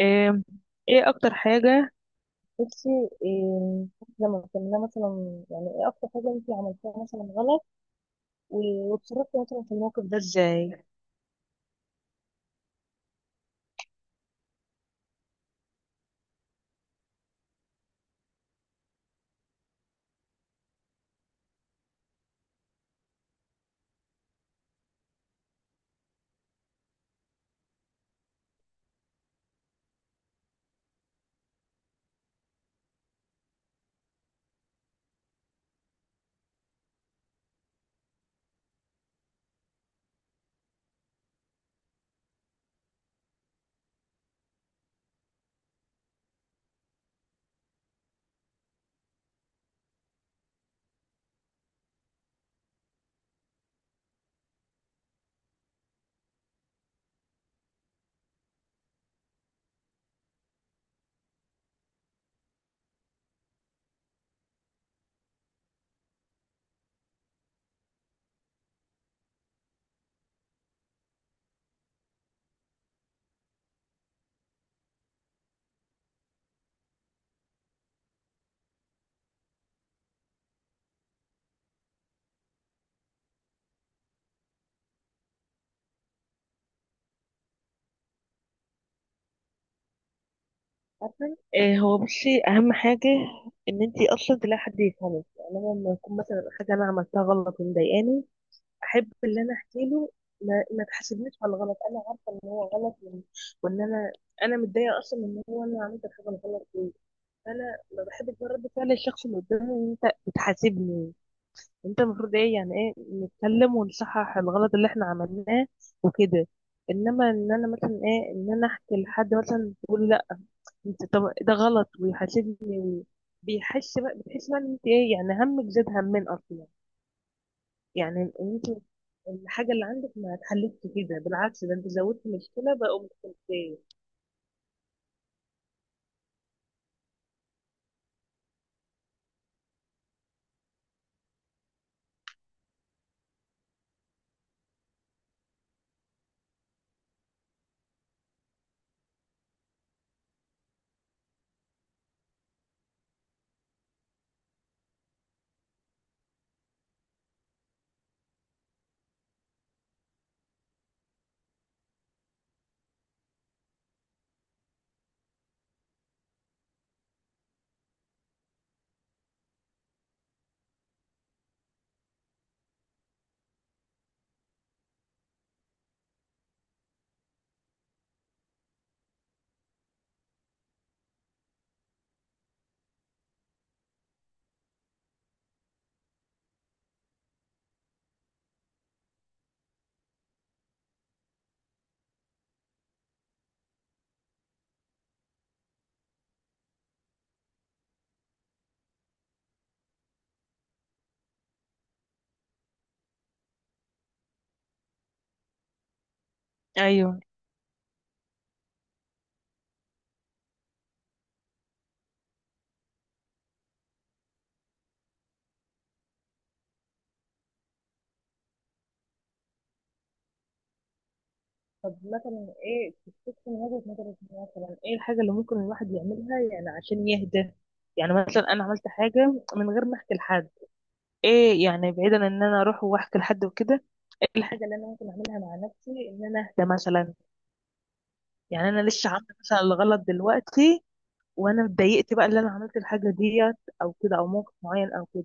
آم، ايه اكتر حاجة نفسي إيه؟ لما كنا مثلا يعني ايه اكتر حاجه انت عملتيها مثلا غلط واتصرفتي مثلا في الموقف ده ازاي؟ عارفه، هو بصي اهم حاجة ان انتي اصلا تلاقي حد يفهمك. يعني انا لما يكون مثلا حاجة انا عملتها غلط ومضايقاني، احب اللي انا احكي له ما تحاسبنيش على الغلط. انا عارفة ان هو غلط، وإن انا متضايقة اصلا ان هو انا عملت الحاجة الغلط دي. فانا ما بحبش بقى رد فعل الشخص اللي قدامي ان انت بتحاسبني. انت المفروض ايه يعني، ايه، نتكلم ونصحح الغلط اللي احنا عملناه وكده. انما ان انا مثلا ايه ان انا احكي لحد مثلا يقول لا انت، طب ده غلط ويحاسبني. بيحس بقى، بتحس بقى ان انت ايه، يعني همك زاد همين اصلا. يعني ان انت الحاجه اللي عندك ما اتحلتش، كده بالعكس ده انت زودت مشكله بقوا مشكلتين. ايوه. طب مثلا ايه تفتكر من وجهة نظرك، مثلا ايه الحاجة اللي ممكن الواحد يعملها يعني عشان يهدى؟ يعني مثلا انا عملت حاجة من غير ما احكي لحد، ايه يعني بعيدا ان انا اروح واحكي لحد وكده، ايه الحاجه اللي انا ممكن اعملها مع نفسي ان انا اهدى مثلا؟ يعني انا لسه عامله مثلا الغلط دلوقتي وانا اتضايقت بقى اللي انا عملت الحاجه ديت، او كده او موقف معين او كده،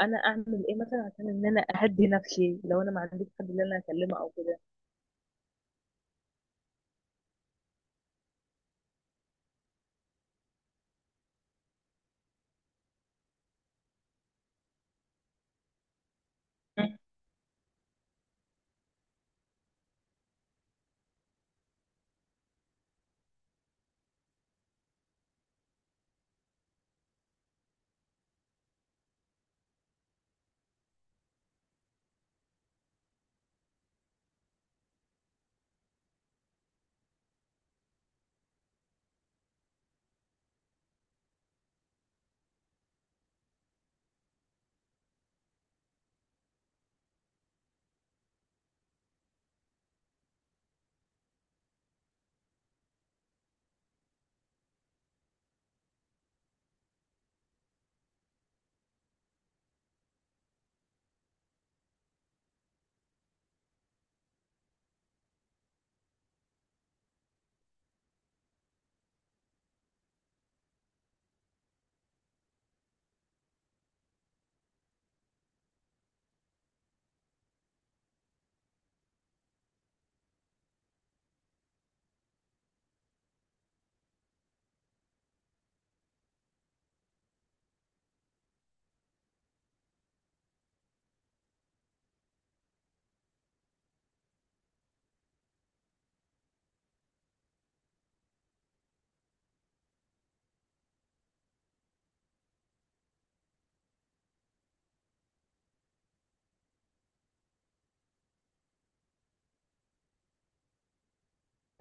انا اعمل ايه مثلا عشان ان انا اهدي نفسي لو انا ما عنديش حد اللي انا اكلمه او كده؟ مم.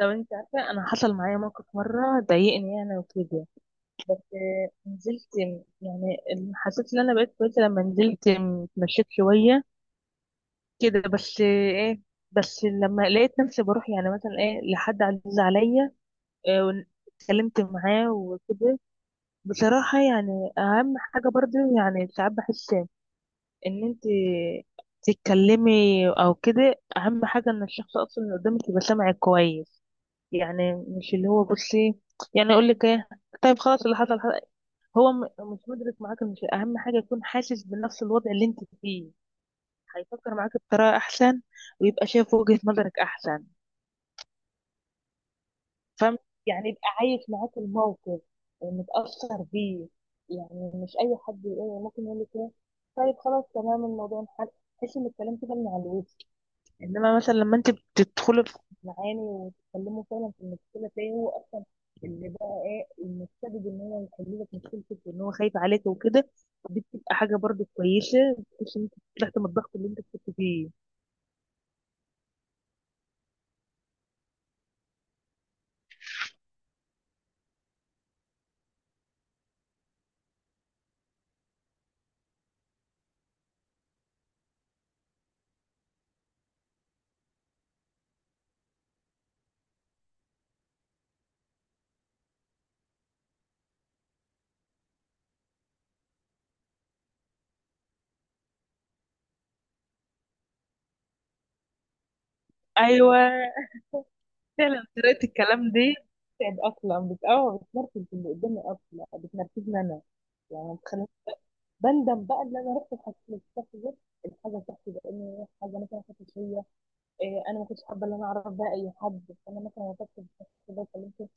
لو انت عارفه انا حصل معايا موقف مره ضايقني يعني وكده، نزلت يعني، حسيت ان انا بقيت كويسه لما نزلت اتمشيت شويه كده بس. ايه، بس لما لقيت نفسي بروح يعني مثلا ايه لحد عزيز عليا، إيه، ون- اتكلمت معاه وكده. بصراحة يعني أهم حاجة برضو، يعني ساعات بحس إن أنت تتكلمي أو كده، أهم حاجة إن الشخص أصلا اللي قدامك يبقى سامعك كويس. يعني مش اللي هو بصي يعني أقول لك إيه، طيب خلاص اللي حصل حصل. هو مش مدرك معاك. مش أهم حاجة يكون حاسس بنفس الوضع اللي أنت فيه؟ هيفكر معاك بطريقة أحسن ويبقى شايف وجهة نظرك أحسن. فاهم؟ يعني يبقى عايش معاك الموقف متأثر بيه. يعني مش أي حد يقول ممكن يقول لك إيه طيب خلاص تمام الموضوع انحل. تحس إن الكلام كده من على الوش. إنما مثلا لما أنت بتدخلي في معاني وتتكلموا فعلا في المشكلة تلاقي هو أصلا اللي بقى إيه، المستبد إن هو يحل لك مشكلتك وإن هو خايف عليك وكده. دي بتبقى حاجة برضه كويسة، بتحس إن أنت طلعت من الضغط اللي أنت كنت فيه. أيوه. فعلا طريقة الكلام دي بتتعب اصلا، بتقوى بتنرفز اللي قدامي، اصلا بتنرفزني انا. يعني ما بتخليني، بندم بقى ان انا رحت الحكومه دي الحاجه بتاعتي، لان حاجه مثلا كانت شويه إيه، انا ما كنتش حابه ان انا اعرف بقى اي حد، فانا مثلا وقفت في الشخص ده وكلمته.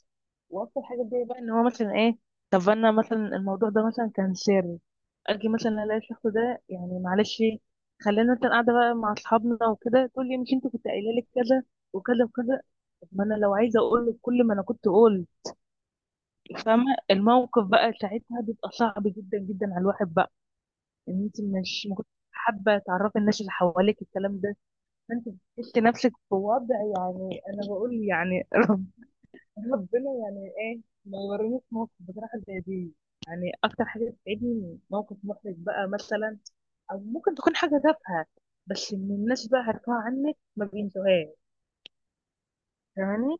واكتر حاجه بتضايق بقى ان هو مثلا ايه، طب انا مثلا الموضوع ده مثلا كان سر، اجي مثلا الاقي الشخص ده يعني معلش خلينا مثلا قاعده بقى مع اصحابنا وكده تقول لي مش انت كنت قايله لك كذا وكذا وكذا. ما انا لو عايزه اقول لك كل ما انا كنت اقول. فاهمه؟ الموقف بقى ساعتها بيبقى صعب جدا جدا على الواحد بقى، ان انت مش ما كنت حابه تعرفي الناس اللي حواليك الكلام ده. فانت بتحسي نفسك في وضع يعني. انا بقول يعني ربنا يعني ايه ما يورينيش موقف بصراحه زي دي. يعني اكتر حاجه بتتعبني موقف محرج بقى مثلا، او ممكن تكون حاجه تافهه بس ان الناس بقى عارفاها عنك ما بينسوهاش. فاهماني؟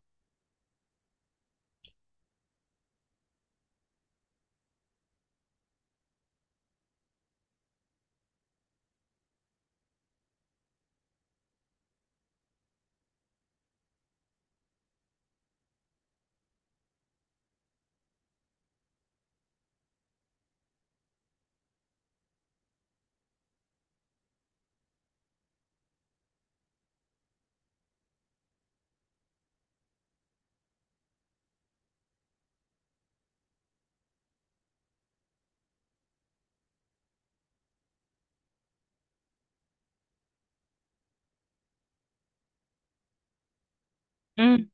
امم.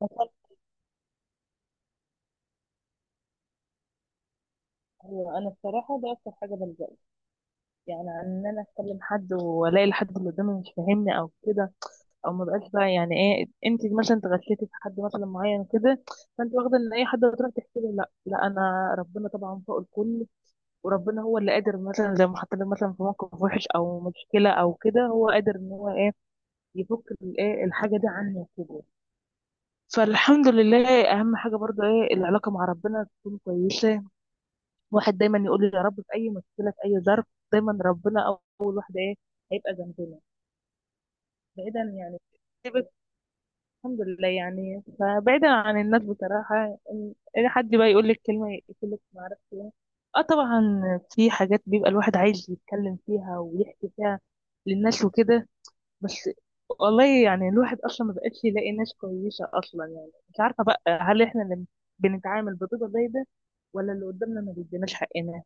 مثلا انا بصراحه ده اكتر حاجه بلجأ، يعني ان انا اتكلم حد والاقي الحد اللي قدامي مش فاهمني او كده، او ما بقاش بقى يعني ايه، انت مثلا اتغشيتي في حد مثلا معين كده فانت واخده ان اي حد هتروح تحكي لي. لا لا، انا ربنا طبعا فوق الكل، وربنا هو اللي قادر مثلا زي ما حطيت مثلا في موقف وحش او مشكله او كده هو قادر ان هو ايه يفك الايه الحاجه دي عني كده. فالحمد لله، اهم حاجه برضو ايه، العلاقه مع ربنا تكون كويسه. واحد دايما يقول لي يا رب. في اي مشكله، في اي ظرف، دايما ربنا اول واحد ايه هيبقى جنبنا. بعيدا يعني، سيبك- الحمد لله يعني. فبعيدا عن الناس بصراحة إن حد بقى يقول لك كلمة يقول لك ما أعرفش إيه. اه طبعا، في حاجات بيبقى الواحد عايز يتكلم فيها ويحكي فيها للناس وكده بس. والله يعني الواحد أصلا ما بقاش يلاقي ناس كويسة أصلا. يعني مش عارفة بقى هل إحنا اللي بنتعامل بطريقة زي ده ولا اللي قدامنا ما بيديناش حقنا؟